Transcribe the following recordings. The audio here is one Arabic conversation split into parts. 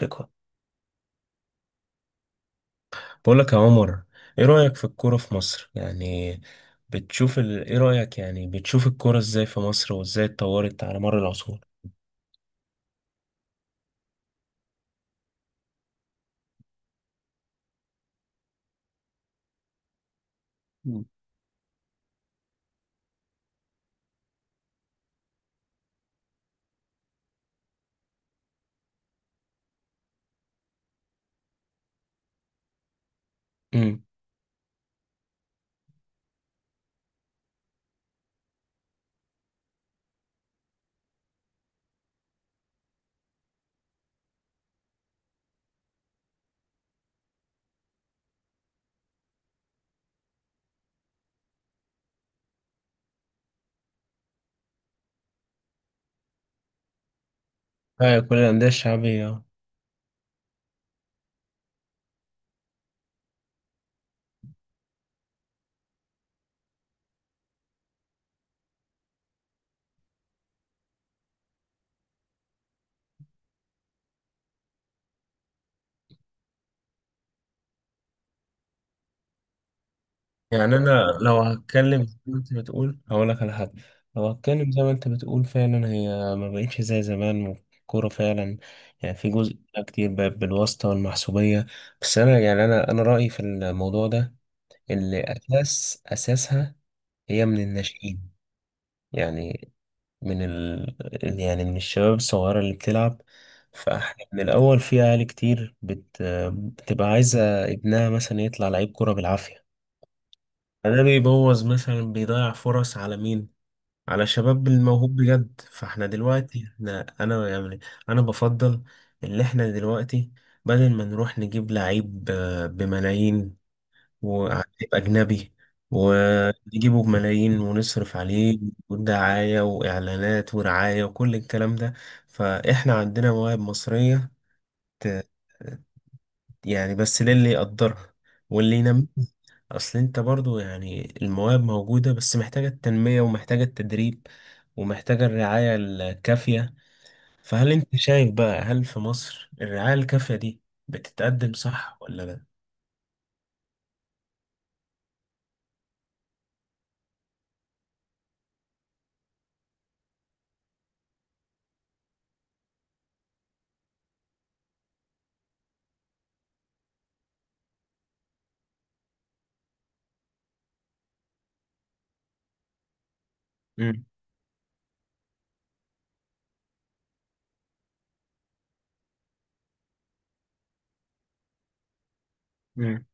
ثقة. بقول لك يا عمر، ايه رأيك في الكورة في مصر يعني؟ ايه رأيك يعني؟ بتشوف الكورة ازاي في مصر وازاي اتطورت على مر العصور؟ مم. امم. كل الأندية الشعبية. يعني انا لو هتكلم زي ما انت بتقول هقول لك على حاجه. لو هتكلم زي ما انت بتقول فعلا، هي ما بقتش زي زمان الكوره فعلا. يعني في جزء كتير بقى بالواسطه والمحسوبيه. بس انا يعني انا رايي في الموضوع ده، اللي اساسها هي من الناشئين، يعني من ال... يعني من الشباب الصغيره اللي بتلعب. فاحنا من الاول في اهالي كتير بتبقى عايزه ابنها مثلا يطلع لعيب كوره بالعافيه. ده بيبوظ مثلا، بيضيع فرص على مين؟ على شباب الموهوب بجد. فاحنا دلوقتي احنا انا يعني انا بفضل اللي احنا دلوقتي بدل ما نروح نجيب لعيب، بملايين، وعيب اجنبي، ونجيبه بملايين ونصرف عليه ودعاية واعلانات ورعاية وكل الكلام ده. فاحنا عندنا مواهب مصرية، ت- يعني بس للي يقدرها واللي ينميها. اصل انت برضو يعني المواهب موجودة، بس محتاجة التنمية ومحتاجة التدريب ومحتاجة الرعاية الكافية. فهل انت شايف بقى، هل في مصر الرعاية الكافية دي بتتقدم صح ولا لا؟ امم. امم.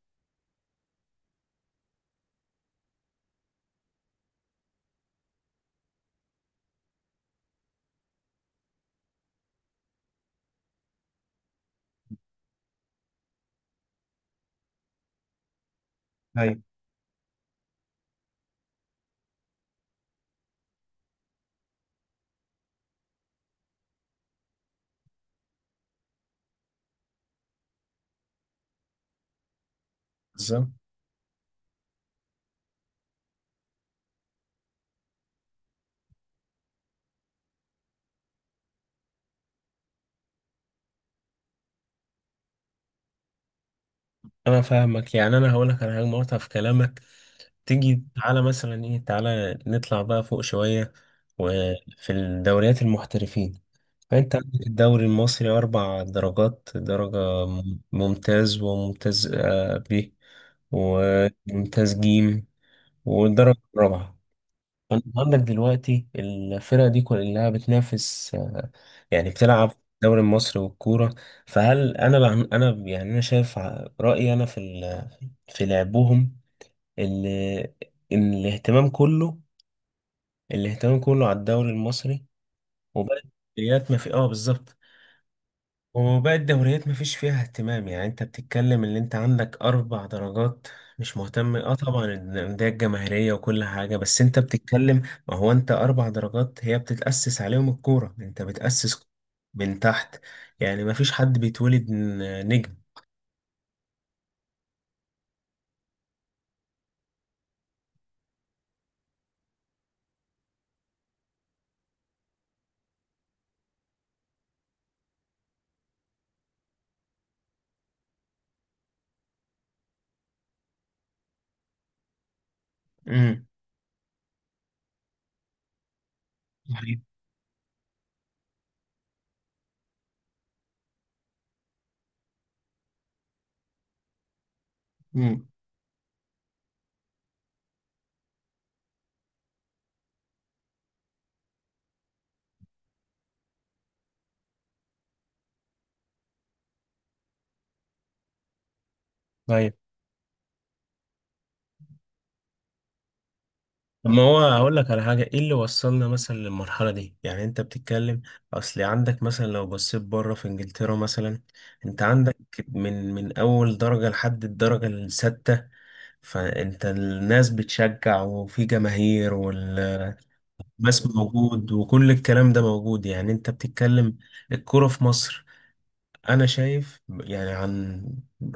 ايوه، بالظبط. انا فاهمك. يعني انا هقولك على حاجة مقاطعة في كلامك. تيجي تعالى مثلا، ايه، تعالى نطلع بقى فوق شوية وفي الدوريات المحترفين. فأنت عندك الدوري المصري أربع درجات: درجة ممتاز، وممتاز ب، وممتاز جيم، والدرجة الرابعة. فأنت عندك دلوقتي الفرقة دي كلها بتنافس، يعني بتلعب في الدوري المصري والكورة. فهل أنا أنا يعني أنا شايف، رأيي أنا في لعبهم إن إن الاهتمام كله على الدوري المصري. وبقت الدوريات ما في. اه، بالظبط. وباقي الدوريات مفيش فيها اهتمام. يعني انت بتتكلم اللي انت عندك اربع درجات، مش مهتم. اه، طبعا الانديه الجماهيريه وكل حاجه، بس انت بتتكلم. ما هو انت اربع درجات هي بتتاسس عليهم الكوره، انت بتاسس من تحت. يعني مفيش حد بيتولد نجم. امم. صحيح. امم. طب ما هو هقول لك على حاجة، ايه اللي وصلنا مثلا للمرحلة دي؟ يعني انت بتتكلم، اصل عندك مثلا لو بصيت بره في انجلترا مثلا، انت عندك من اول درجة لحد الدرجة السادسة، فانت الناس بتشجع وفي جماهير والماس موجود وكل الكلام ده موجود. يعني انت بتتكلم الكرة في مصر، انا شايف يعني عن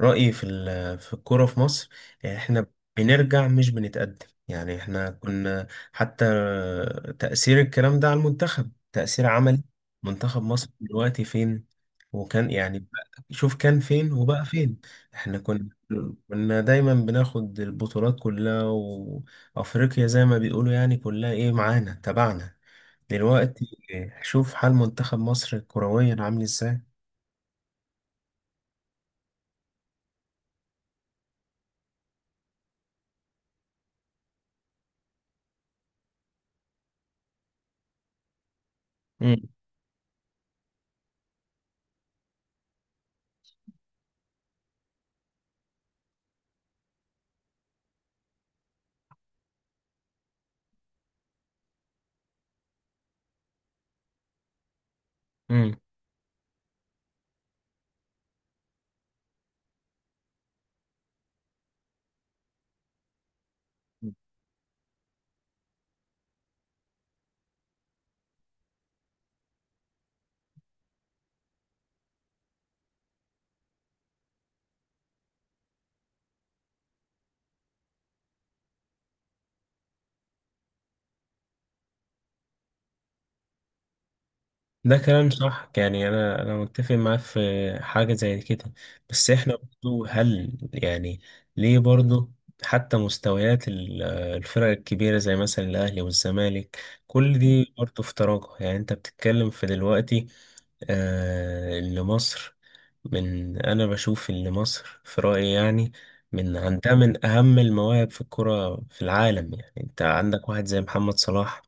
رايي في الكوره في مصر، يعني احنا بنرجع مش بنتقدم. يعني احنا كنا، حتى تاثير الكلام ده على المنتخب تاثير عملي. منتخب مصر دلوقتي فين؟ وكان يعني شوف، كان فين وبقى فين. احنا كنا، كنا دايما بناخد البطولات كلها، وافريقيا زي ما بيقولوا يعني كلها ايه، معانا تبعنا. دلوقتي شوف حال منتخب مصر كرويا عامل ازاي. مم. ده كلام صح. يعني انا متفق معاه في حاجه زي كده. بس احنا برضو هل يعني ليه برضو حتى مستويات الفرق الكبيره زي مثلا الاهلي والزمالك كل دي برضو في تراجع؟ يعني انت بتتكلم في دلوقتي اللي مصر، من انا بشوف ان مصر في رايي يعني من عندها من اهم المواهب في الكره في العالم. يعني انت عندك واحد زي محمد صلاح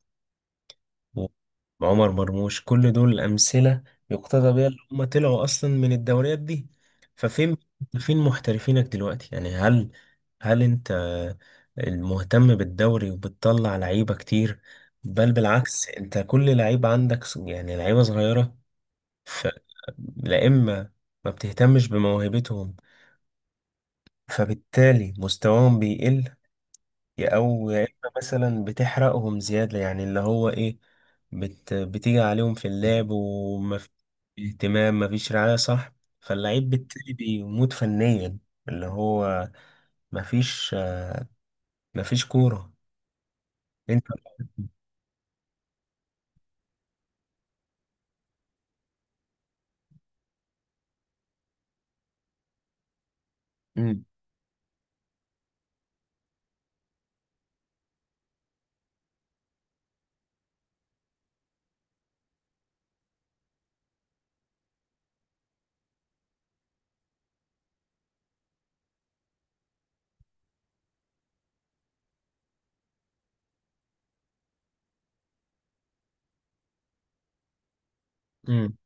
وعمر مرموش، كل دول أمثلة يقتدى بيها، اللي هم طلعوا أصلا من الدوريات دي. ففين، فين محترفينك دلوقتي؟ يعني هل، هل أنت المهتم بالدوري وبتطلع لعيبة كتير؟ بل بالعكس، أنت كل لعيبة عندك يعني لعيبة صغيرة. ف لا، إما ما بتهتمش بموهبتهم فبالتالي مستواهم بيقل، يا او يا اما مثلا بتحرقهم زياده. يعني اللي هو ايه؟ بتيجي عليهم في اللعب ومفيش اهتمام، مفيش رعايه، صح؟ فاللعيب بالتالي بيموت فنيا. اللي هو مفيش مفيش كوره. انت. امم. امم.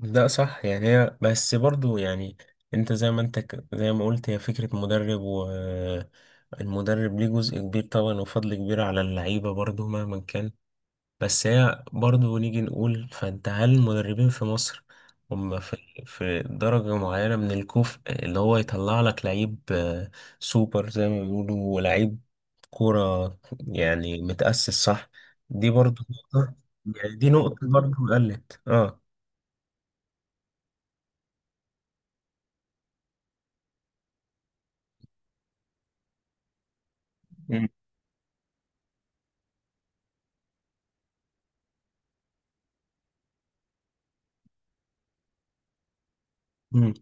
ده صح. يعني هي بس برضو، يعني انت زي ما انت زي ما قلت هي فكرة مدرب، والمدرب ليه جزء كبير طبعا وفضل كبير على اللعيبة برضو مهما كان. بس هي برضه نيجي نقول، فانت هل المدربين في مصر هم في درجة معينة من الكفء اللي هو يطلع لك لعيب سوبر زي ما بيقولوا، ولعيب كورة يعني متأسس صح؟ دي برضه نقطة. يعني دي نقطة برضه قلت. اه. مم. مم.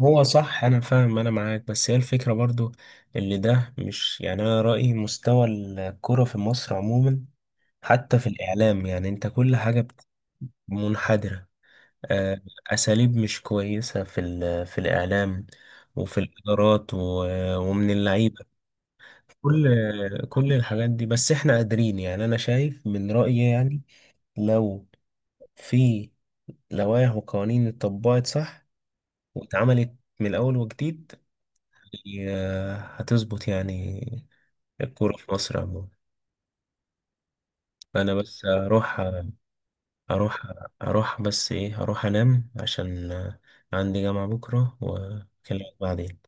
هو صح انا فاهم، انا معاك. بس هي الفكرة برضو اللي ده، مش يعني، انا رأيي مستوى الكرة في مصر عموما حتى في الاعلام. يعني انت كل حاجة منحدرة. آه، أساليب مش كويسة في الإعلام وفي الإدارات ومن اللعيبة. كل كل الحاجات دي، بس إحنا قادرين. يعني أنا شايف من رأيي يعني لو في لوائح وقوانين اتطبقت صح واتعملت من الأول وجديد، هتظبط يعني الكورة في مصر عموما. أنا بس أروح، أروح أروح بس إيه، أروح أنام عشان عندي جامعة بكرة وأكلمك بعدين.